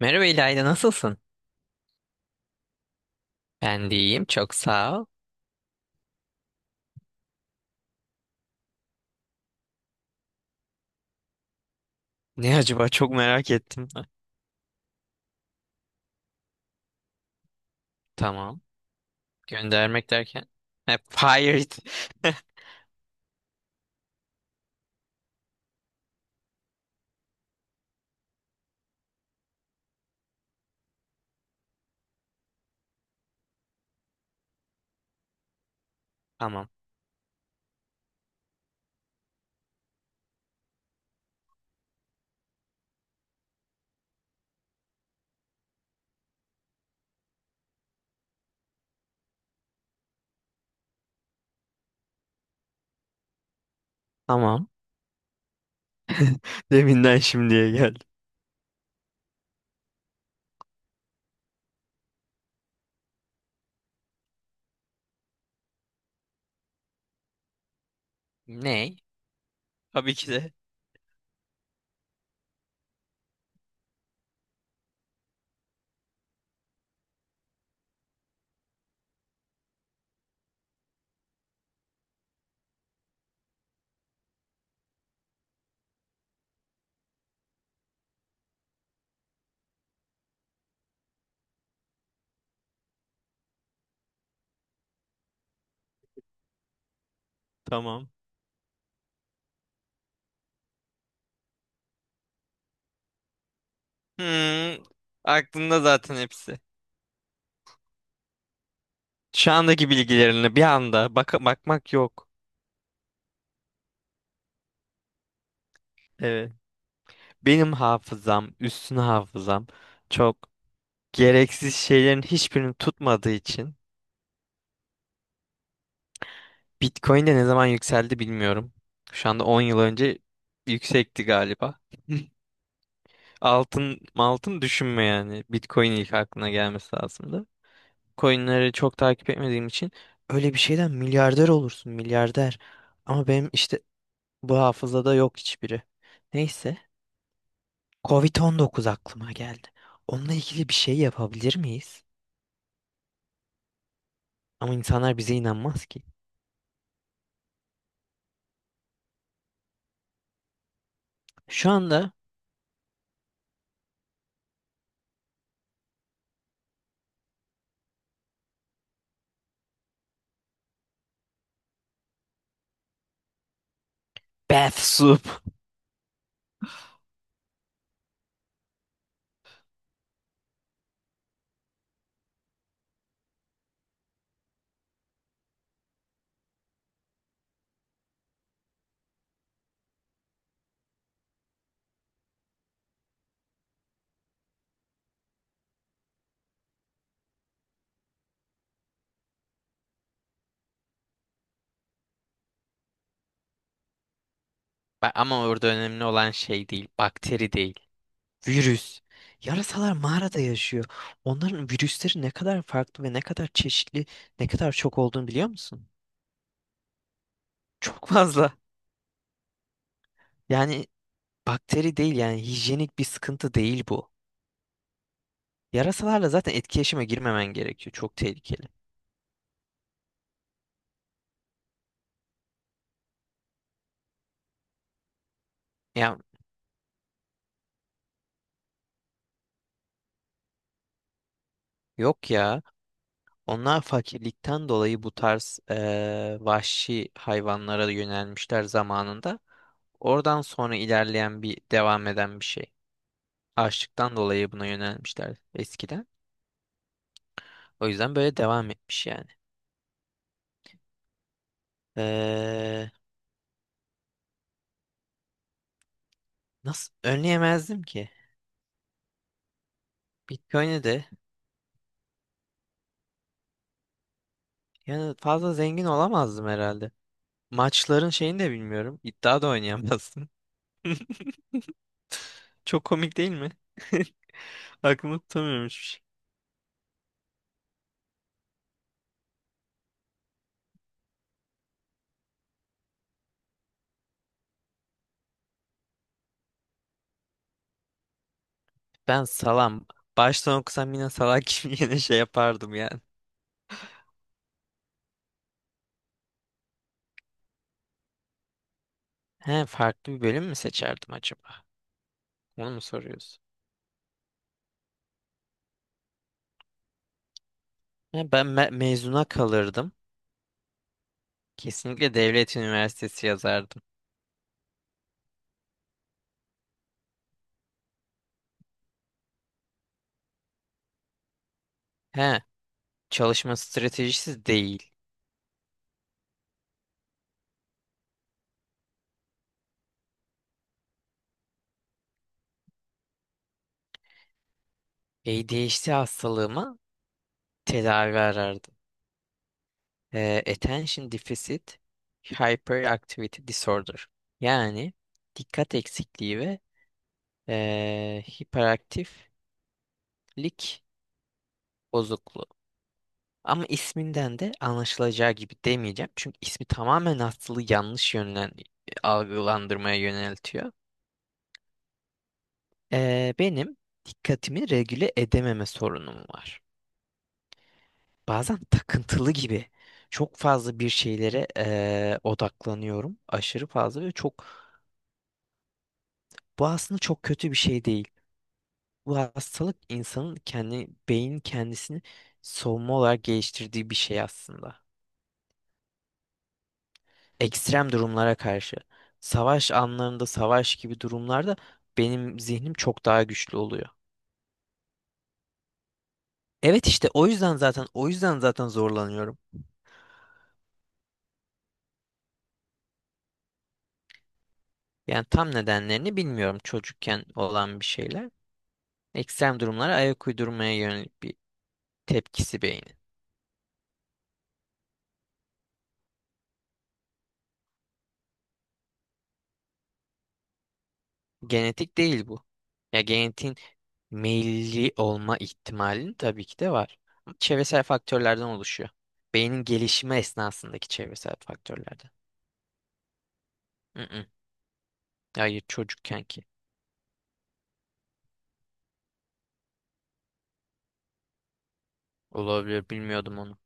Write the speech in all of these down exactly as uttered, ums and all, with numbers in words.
Merhaba İlayda, nasılsın? Ben de iyiyim, çok sağ ol. Ne acaba, çok merak ettim. Ha. Tamam. Göndermek derken? Ha, fired. Tamam. Tamam. Deminden şimdiye geldi. Ne? Tabii ki de. Tamam. Hmm, aklımda zaten hepsi. Şu andaki bilgilerine bir anda baka- bakmak yok. Evet. Benim hafızam, üstün hafızam çok gereksiz şeylerin hiçbirini tutmadığı için Bitcoin de ne zaman yükseldi bilmiyorum. Şu anda on yıl önce yüksekti galiba. Altın, altın düşünme yani. Bitcoin ilk aklına gelmesi lazımdı. Coinleri çok takip etmediğim için öyle bir şeyden milyarder olursun, milyarder. Ama benim işte bu hafızada yok hiçbiri. Neyse, covid dokuz aklıma geldi. Onunla ilgili bir şey yapabilir miyiz? Ama insanlar bize inanmaz ki. Şu anda bath soup. Ba- Ama orada önemli olan şey değil, bakteri değil. Virüs. Yarasalar mağarada yaşıyor. Onların virüsleri ne kadar farklı ve ne kadar çeşitli, ne kadar çok olduğunu biliyor musun? Çok fazla. Yani bakteri değil, yani hijyenik bir sıkıntı değil bu. Yarasalarla zaten etkileşime girmemen gerekiyor. Çok tehlikeli. Ya yok ya. Onlar fakirlikten dolayı bu tarz eee, vahşi hayvanlara yönelmişler zamanında. Oradan sonra ilerleyen bir devam eden bir şey. Açlıktan dolayı buna yönelmişler eskiden. O yüzden böyle devam etmiş yani. Ee, nasıl önleyemezdim ki? Bitcoin'e de yani fazla zengin olamazdım herhalde. Maçların şeyini de bilmiyorum. İddia da oynayamazdım. Çok komik değil mi? Aklımı tutamıyorum hiçbir şey. Ben salam. Baştan okusam yine salak gibi yine şey yapardım yani. He, farklı bir bölüm mü seçerdim acaba? Onu mu soruyorsun? He, ben me- mezuna kalırdım. Kesinlikle devlet üniversitesi yazardım. He, çalışma stratejisi değil. A D H D hastalığıma tedavi arardım. Ee, Attention Deficit Hyperactivity Disorder. Yani dikkat eksikliği ve ee, hiperaktiflik bozukluğu. Ama isminden de anlaşılacağı gibi demeyeceğim. Çünkü ismi tamamen hastalığı yanlış yönden algılandırmaya yöneltiyor. Ee, benim dikkatimi regüle edememe sorunum var. Bazen takıntılı gibi çok fazla bir şeylere eee, odaklanıyorum. Aşırı fazla ve çok, bu aslında çok kötü bir şey değil. Bu hastalık insanın kendi beyin kendisini savunma olarak geliştirdiği bir şey aslında. Ekstrem durumlara karşı, savaş anlarında, savaş gibi durumlarda benim zihnim çok daha güçlü oluyor. Evet işte o yüzden zaten o yüzden zaten zorlanıyorum. Yani tam nedenlerini bilmiyorum, çocukken olan bir şeyler, ekstrem durumlara ayak uydurmaya yönelik bir tepkisi beynin. Genetik değil bu. Ya genetiğin meyilli olma ihtimalin tabii ki de var. Ama çevresel faktörlerden oluşuyor. Beynin gelişimi esnasındaki çevresel faktörlerden. Mm-mm. Hayır çocukken ki. Olabilir, bilmiyordum onu.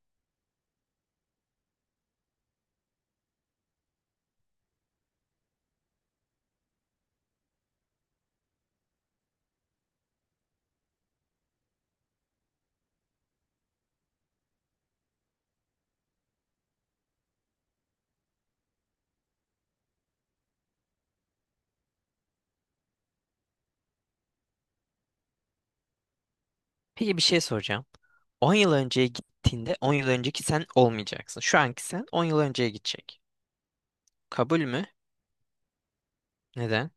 Peki bir şey soracağım. On yıl önceye gittiğinde on yıl önceki sen olmayacaksın. Şu anki sen on yıl önceye gidecek. Kabul mü? Neden?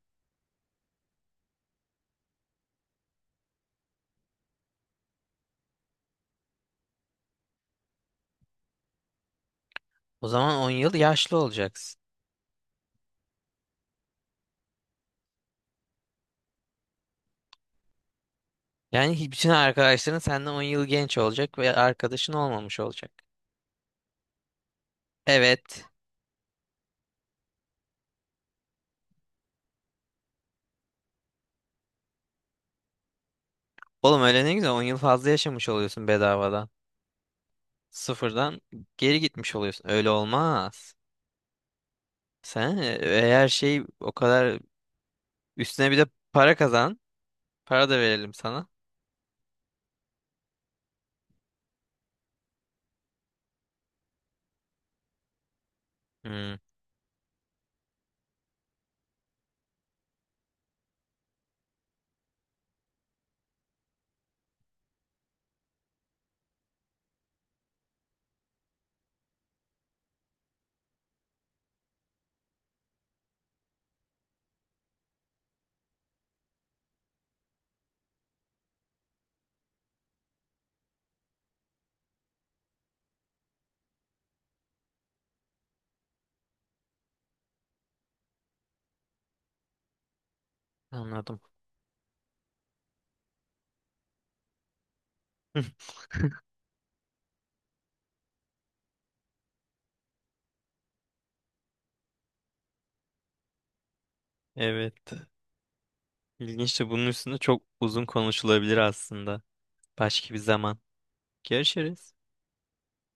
O zaman on yıl yaşlı olacaksın. Yani hi- bütün arkadaşların senden on yıl genç olacak ve arkadaşın olmamış olacak. Evet. Oğlum öyle ne güzel, on yıl fazla yaşamış oluyorsun bedavadan. Sıfırdan geri gitmiş oluyorsun. Öyle olmaz. Sen e, eğer şey o kadar, üstüne bir de para kazan. Para da verelim sana. Hmm, anladım. Evet. İlginç de, bunun üstünde çok uzun konuşulabilir aslında. Başka bir zaman. Görüşürüz.